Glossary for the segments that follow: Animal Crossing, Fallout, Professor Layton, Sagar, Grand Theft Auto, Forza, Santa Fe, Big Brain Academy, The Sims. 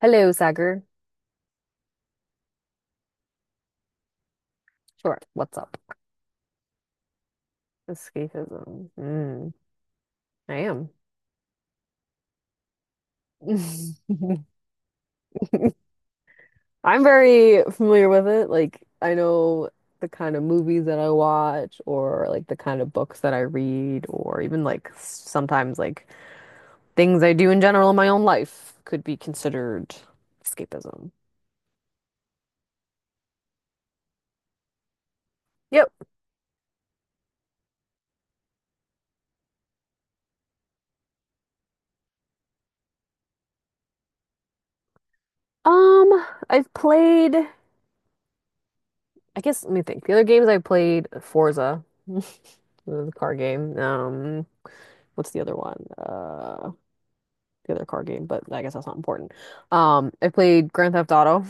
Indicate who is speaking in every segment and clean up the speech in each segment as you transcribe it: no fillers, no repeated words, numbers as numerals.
Speaker 1: Hello, Sagar. Sure. What's up? Escapism. Mm, I am. I'm very familiar with it. Like, I know the kind of movies that I watch, or like the kind of books that I read, or even like sometimes like things I do in general in my own life could be considered escapism. Yep. I've played, I guess, let me think. The other games I played, Forza, the car game. What's the other one? The other car game, but I guess that's not important. I played Grand Theft Auto,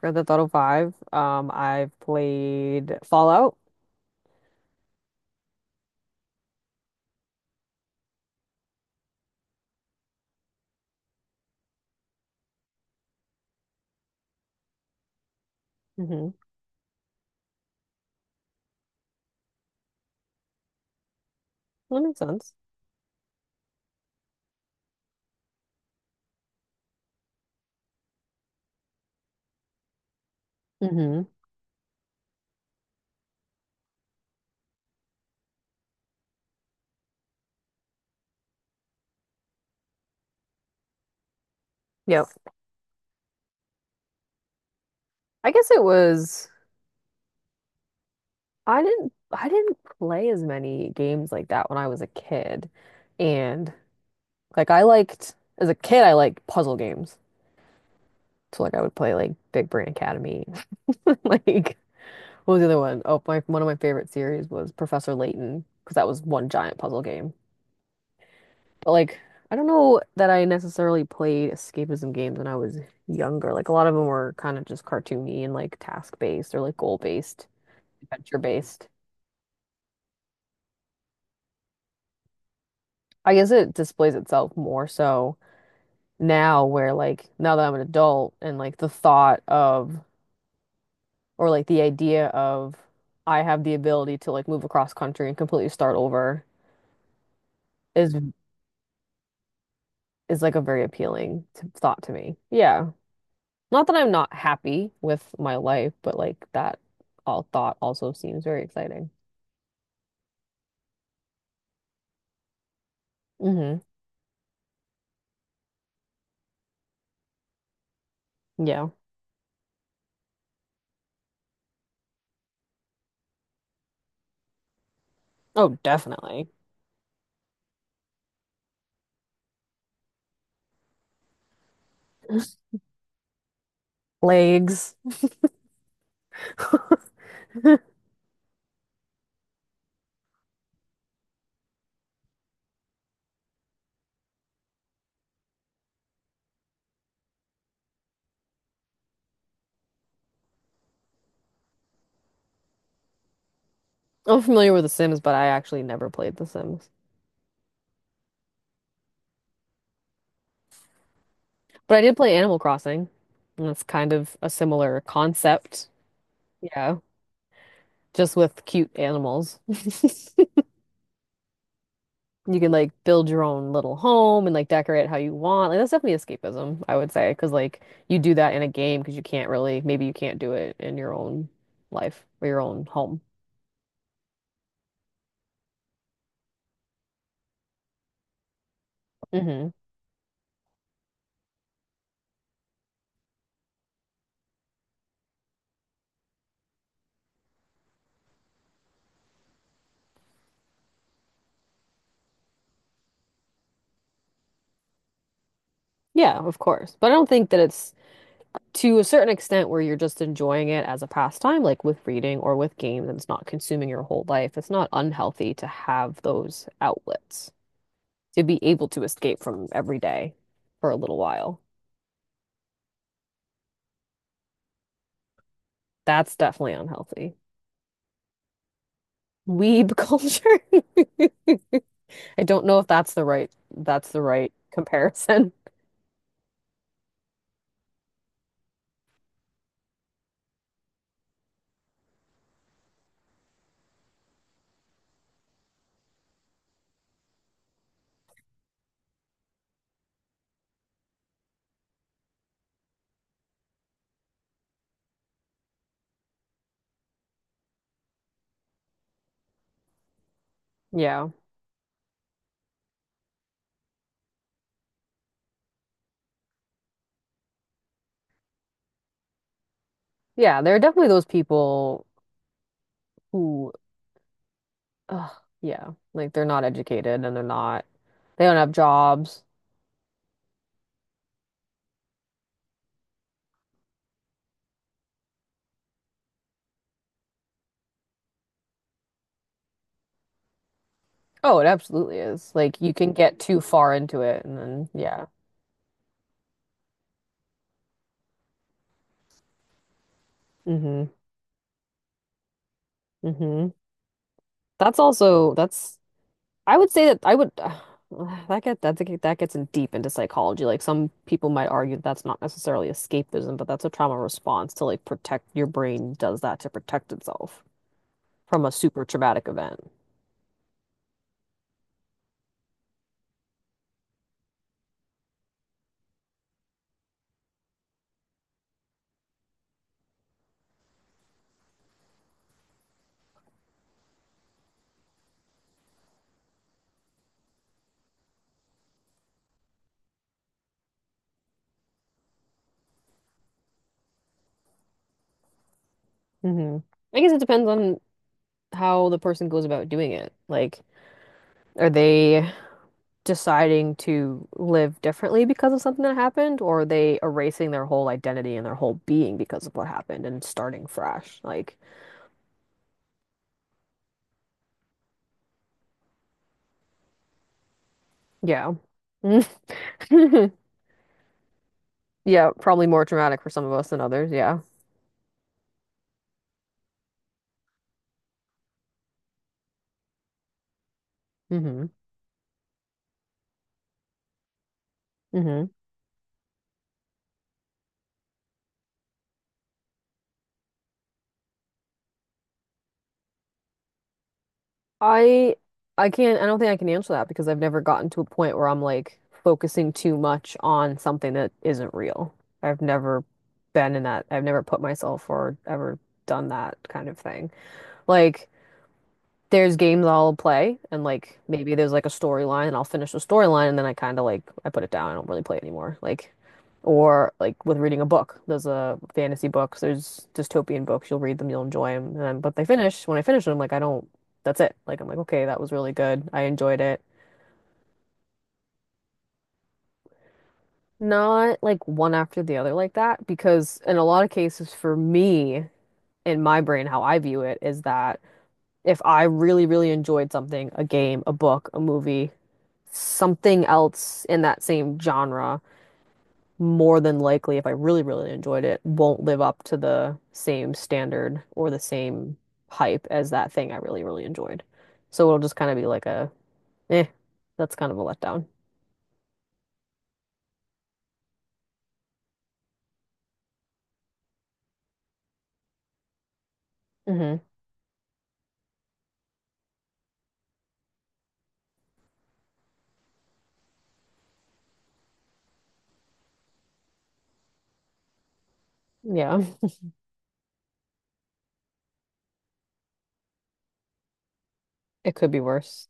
Speaker 1: Grand Theft Auto 5. I've played Fallout. Mm-hmm. That makes sense. Mm-hmm. Yep. I guess it was. I didn't play as many games like that when I was a kid. And like I liked as a kid I liked puzzle games. So like I would play like Big Brain Academy. Like what was the other one? Oh, my one of my favorite series was Professor Layton because that was one giant puzzle game. But like I don't know that I necessarily played escapism games when I was younger. Like a lot of them were kind of just cartoony and like task based or like goal based, adventure based. I guess it displays itself more so now where like now that I'm an adult and like the thought of or like the idea of I have the ability to like move across country and completely start over is is like a very appealing t thought to me. Yeah. Not that I'm not happy with my life, but like that all thought also seems very exciting. Hmm. Yeah. Oh, definitely. Legs. I'm familiar with The Sims, but I actually never played The Sims. But I did play Animal Crossing, and that's kind of a similar concept, yeah, just with cute animals. You can like build your own little home and like decorate how you want. Like that's definitely escapism, I would say, because like you do that in a game because you can't really, maybe you can't do it in your own life or your own home. Hmm. Yeah, of course. But I don't think that it's to a certain extent where you're just enjoying it as a pastime, like with reading or with games, and it's not consuming your whole life. It's not unhealthy to have those outlets. To be able to escape from every day for a little while. That's definitely unhealthy. Weeb culture. I don't know if that's the right that's the right comparison. Yeah. Yeah, there are definitely those people who ugh, yeah, like they're not educated and they're not they don't have jobs. Oh, it absolutely is. Like you can get too far into it and then yeah. Mm-hmm. Mm-hmm. That's also that's I would say that I would that gets in deep into psychology. Like some people might argue that that's not necessarily escapism, but that's a trauma response to like protect your brain does that to protect itself from a super traumatic event. Hmm. I guess it depends on how the person goes about doing it. Like, are they deciding to live differently because of something that happened, or are they erasing their whole identity and their whole being because of what happened and starting fresh? Like, yeah. Yeah, probably more traumatic for some of us than others. Yeah. Hmm. Hmm. I I can't I don't think I can answer that because I've never gotten to a point where I'm like focusing too much on something that isn't real. I've never been in that. I've never put myself or ever done that kind of thing. Like there's games I'll play and like maybe there's like a storyline and I'll finish the storyline and then I kind of like I put it down. I don't really play it anymore. Like or like with reading a book. There's a fantasy books, there's dystopian books. You'll read them, you'll enjoy them. And then, but they finish, when I finish them, like I don't that's it. Like I'm like, okay, that was really good. I enjoyed it. Not like one after the other like that because in a lot of cases for me in my brain how I view it is that if I really, really enjoyed something, a game, a book, a movie, something else in that same genre, more than likely, if I really, really enjoyed it, won't live up to the same standard or the same hype as that thing I really, really enjoyed. So it'll just kind of be like a, eh, that's kind of a letdown. Hmm. Yeah, it could be worse.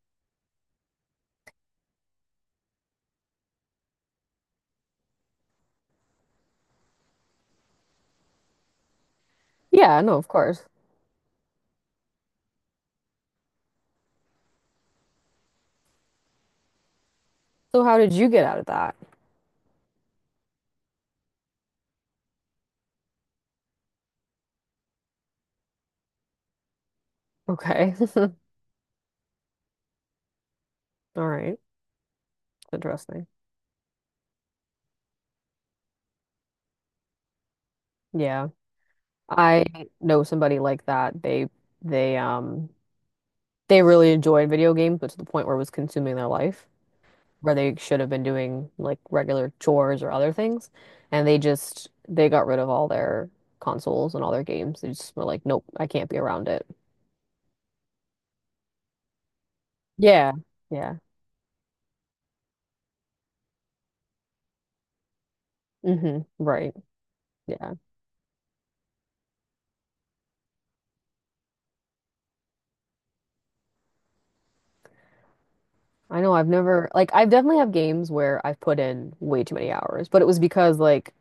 Speaker 1: Yeah, no, of course. So how did you get out of that? Okay. All right. Interesting. Yeah. I know somebody like that. They they they really enjoyed video games, but to the point where it was consuming their life, where they should have been doing like regular chores or other things, and they just they got rid of all their consoles and all their games. They just were like, nope, I can't be around it. Yeah, yeah. Hmm. Right. Yeah. I know I've never like I've definitely have games where I've put in way too many hours, but it was because like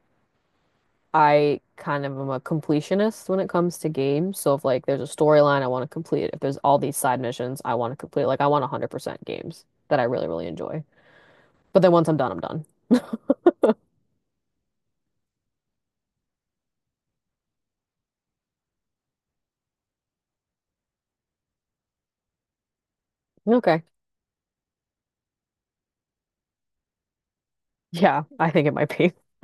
Speaker 1: I kind of am a completionist when it comes to games. So if like there's a storyline, I want to complete it. If there's all these side missions, I want to complete. It. Like I want 100% games that I really, really enjoy. But then once I'm done, I'm done. Okay. Yeah, I think it might be.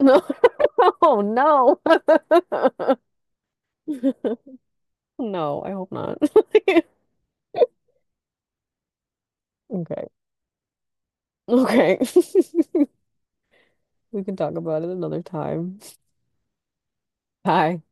Speaker 1: No. Oh no. No, I hope not. Okay. Okay. We can talk about it another time. Bye.